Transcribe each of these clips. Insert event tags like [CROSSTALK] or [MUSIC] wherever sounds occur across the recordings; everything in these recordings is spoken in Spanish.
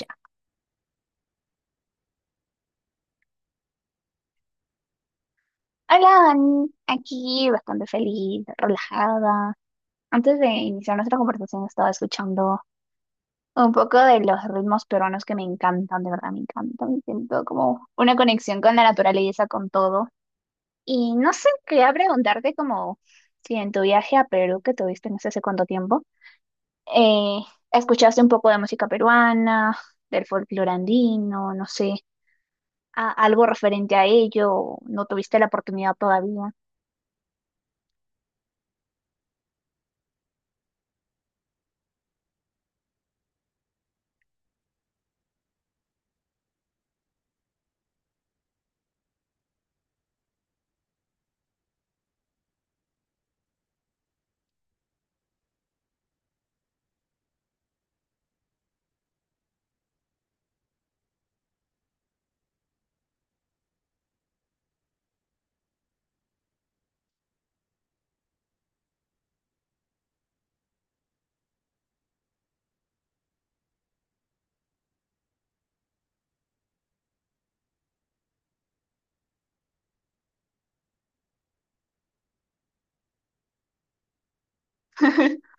Ya. Hola, Dani. Aquí bastante feliz, relajada. Antes de iniciar nuestra conversación estaba escuchando un poco de los ritmos peruanos que me encantan, de verdad me encantan. Siento como una conexión con la naturaleza, con todo. Y no sé, quería preguntarte como si en tu viaje a Perú que tuviste no sé hace cuánto tiempo, eh, escuchaste un poco de música peruana, del folclore andino, no sé, algo referente a ello, o no tuviste la oportunidad todavía. [LAUGHS]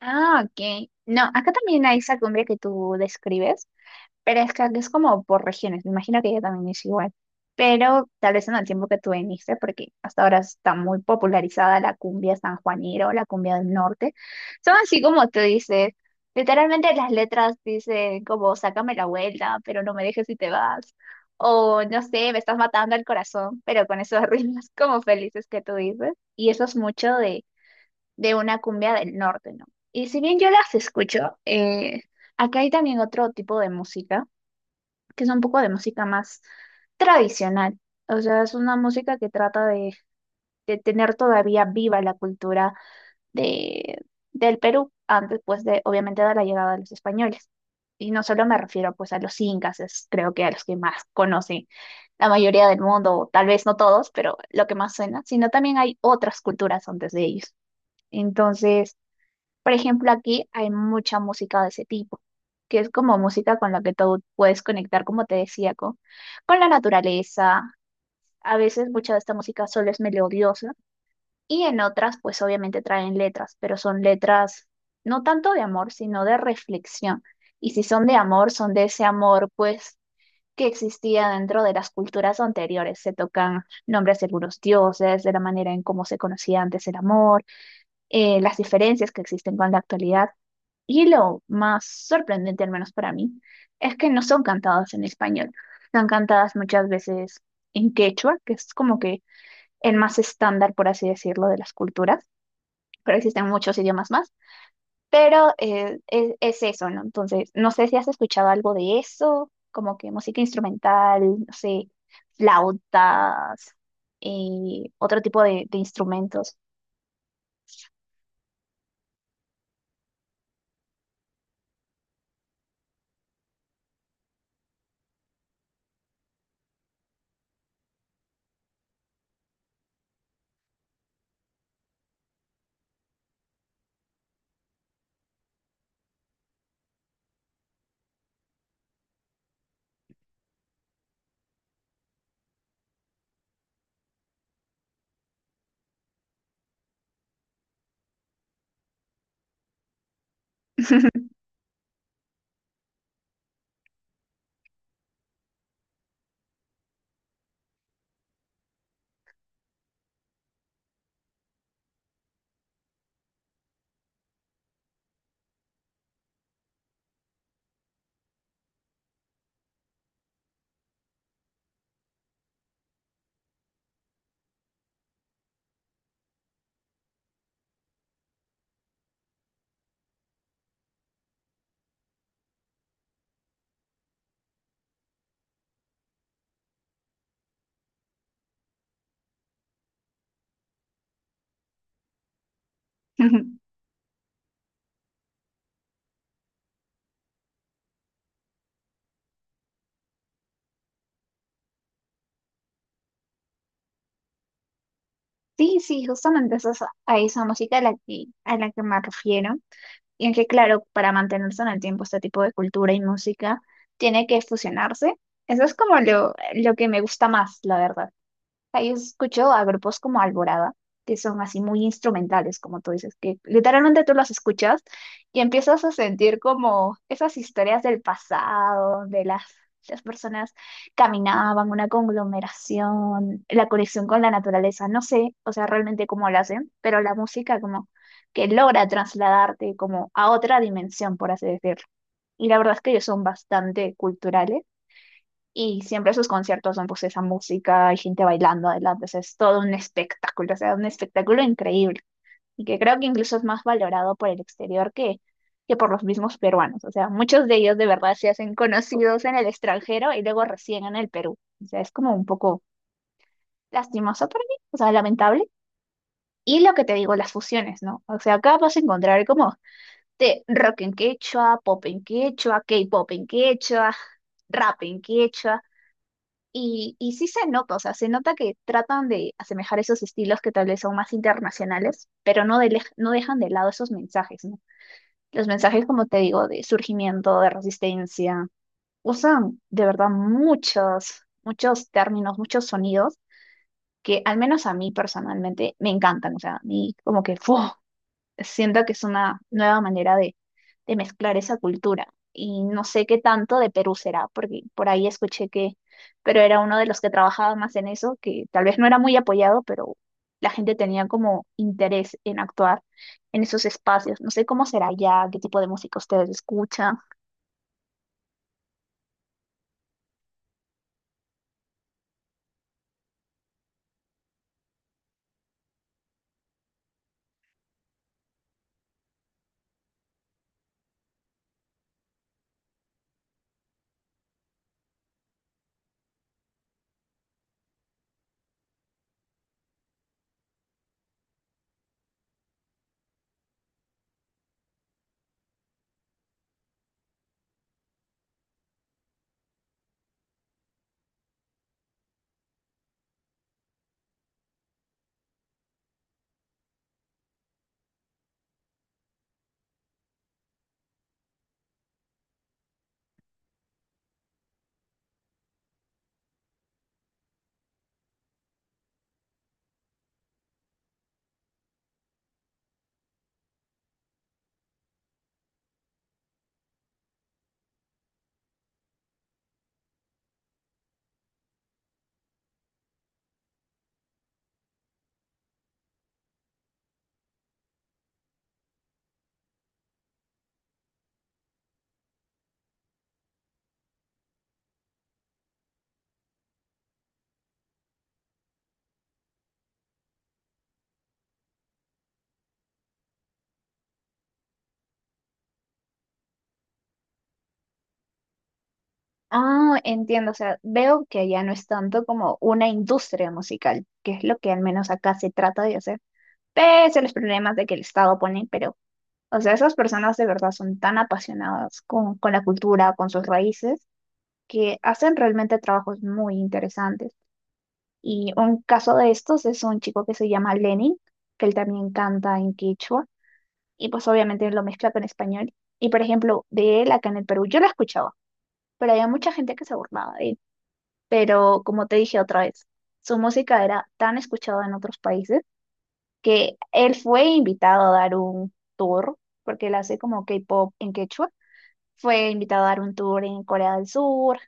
Ah, ok. No, acá también hay esa cumbia que tú describes, pero es que acá es como por regiones. Me imagino que ella también es igual. Pero tal vez en el tiempo que tú viniste, porque hasta ahora está muy popularizada la cumbia sanjuanera o la cumbia del norte. Son así como tú dices. Literalmente las letras dicen como sácame la vuelta, pero no me dejes si te vas. O no sé, me estás matando el corazón, pero con esos [LAUGHS] ritmos como felices que tú dices. Y eso es mucho de una cumbia del norte, ¿no? Y si bien yo las escucho, acá hay también otro tipo de música, que es un poco de música más tradicional. O sea, es una música que trata de, tener todavía viva la cultura de, del Perú, antes pues de, obviamente, de la llegada de los españoles. Y no solo me refiero pues a los incas, es creo que a los que más conocen la mayoría del mundo, o tal vez no todos, pero lo que más suena, sino también hay otras culturas antes de ellos. Entonces, por ejemplo, aquí hay mucha música de ese tipo, que es como música con la que tú puedes conectar, como te decía, con, la naturaleza. A veces mucha de esta música solo es melodiosa y en otras, pues obviamente traen letras, pero son letras no tanto de amor, sino de reflexión. Y si son de amor, son de ese amor, pues, que existía dentro de las culturas anteriores. Se tocan nombres de algunos dioses, de la manera en cómo se conocía antes el amor, las diferencias que existen con la actualidad. Y lo más sorprendente, al menos para mí, es que no son cantadas en español. Son cantadas muchas veces en quechua, que es como que el más estándar, por así decirlo, de las culturas, pero existen muchos idiomas más. Pero es eso, ¿no? Entonces, no sé si has escuchado algo de eso, como que música instrumental, no sé, flautas, y otro tipo de, instrumentos. [LAUGHS] Sí, sí, justamente esa es a esa música a la que, me refiero. Y en que, claro, para mantenerse en el tiempo este tipo de cultura y música, tiene que fusionarse. Eso es como lo, que me gusta más, la verdad. Ahí escucho a grupos como Alborada, que son así muy instrumentales, como tú dices, que literalmente tú los escuchas y empiezas a sentir como esas historias del pasado, de las, personas caminaban, una conglomeración, la conexión con la naturaleza, no sé, o sea, realmente cómo lo hacen, pero la música como que logra trasladarte como a otra dimensión, por así decirlo. Y la verdad es que ellos son bastante culturales y siempre sus conciertos son pues esa música, hay gente bailando adelante, o sea, es todo un espectáculo, o sea, un espectáculo increíble. Y que creo que incluso es más valorado por el exterior que, por los mismos peruanos. O sea, muchos de ellos de verdad se hacen conocidos en el extranjero y luego recién en el Perú. O sea, es como un poco lastimoso para mí, o sea, lamentable. Y lo que te digo, las fusiones, ¿no? O sea, acá vas a encontrar como de rock en quechua, pop en quechua, K-pop en quechua, rap en quechua. Y sí se nota, o sea, se nota que tratan de asemejar esos estilos que tal vez son más internacionales, pero no, de, no dejan de lado esos mensajes, ¿no? Los mensajes, como te digo, de surgimiento, de resistencia, usan de verdad muchos, muchos términos, muchos sonidos que al menos a mí personalmente me encantan, o sea, a mí como que, ¡fu! Siento que es una nueva manera de, mezclar esa cultura. Y no sé qué tanto de Perú será, porque por ahí escuché que Perú era uno de los que trabajaba más en eso, que tal vez no era muy apoyado, pero la gente tenía como interés en actuar en esos espacios. No sé cómo será allá, qué tipo de música ustedes escuchan. Ah, entiendo, o sea, veo que allá no es tanto como una industria musical, que es lo que al menos acá se trata de hacer, pese a los problemas de que el Estado pone, pero, o sea, esas personas de verdad son tan apasionadas con, la cultura, con sus raíces, que hacen realmente trabajos muy interesantes. Y un caso de estos es un chico que se llama Lenin, que él también canta en quechua, y pues obviamente lo mezcla con español. Y por ejemplo, de él acá en el Perú, yo lo escuchaba, pero había mucha gente que se burlaba de él. Pero como te dije otra vez, su música era tan escuchada en otros países que él fue invitado a dar un tour, porque él hace como K-pop en quechua. Fue invitado a dar un tour en Corea del Sur,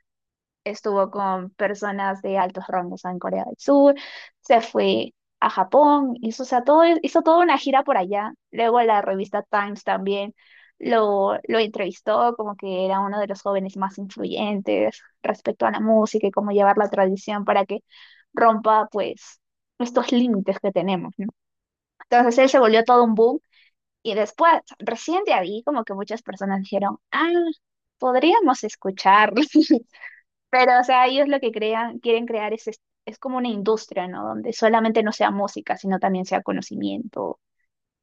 estuvo con personas de altos rangos en Corea del Sur, se fue a Japón, hizo, o sea, todo, hizo toda una gira por allá. Luego la revista Times también lo, entrevistó como que era uno de los jóvenes más influyentes respecto a la música y cómo llevar la tradición para que rompa pues estos límites que tenemos, ¿no? Entonces él se volvió todo un boom y después, recién de ahí, como que muchas personas dijeron, ah, podríamos escucharlo. [LAUGHS] Pero, o sea, ellos lo que crean, quieren crear es, es como una industria, ¿no? Donde solamente no sea música, sino también sea conocimiento.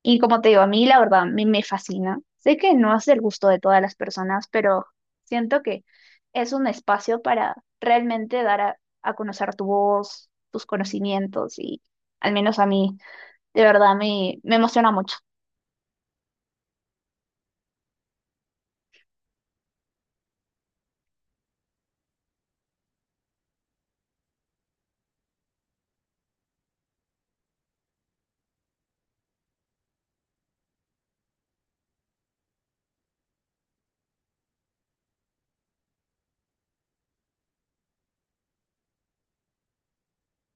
Y como te digo, a mí la verdad me, fascina. Sé que no es del gusto de todas las personas, pero siento que es un espacio para realmente dar a, conocer tu voz, tus conocimientos y al menos a mí, de verdad, me, emociona mucho.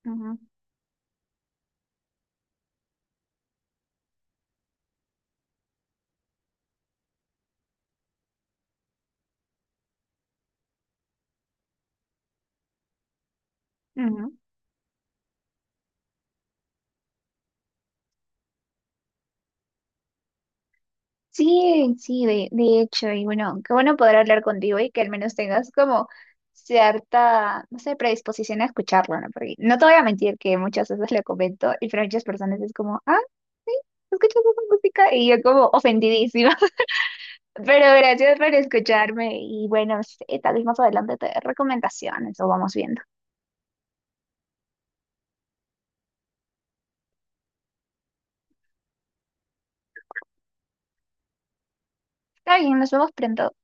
Ujú, ujú. Sí, sí, de, hecho, y bueno, qué bueno poder hablar contigo y que al menos tengas como cierta, no sé, predisposición a escucharlo, ¿no? Porque no te voy a mentir que muchas veces le comento y para muchas personas es como, ah, sí, escuchas esa música y yo como ofendidísima. [LAUGHS] Pero gracias por escucharme y bueno, sí, tal vez más adelante te dé recomendaciones o vamos viendo. Está bien, nos vemos pronto.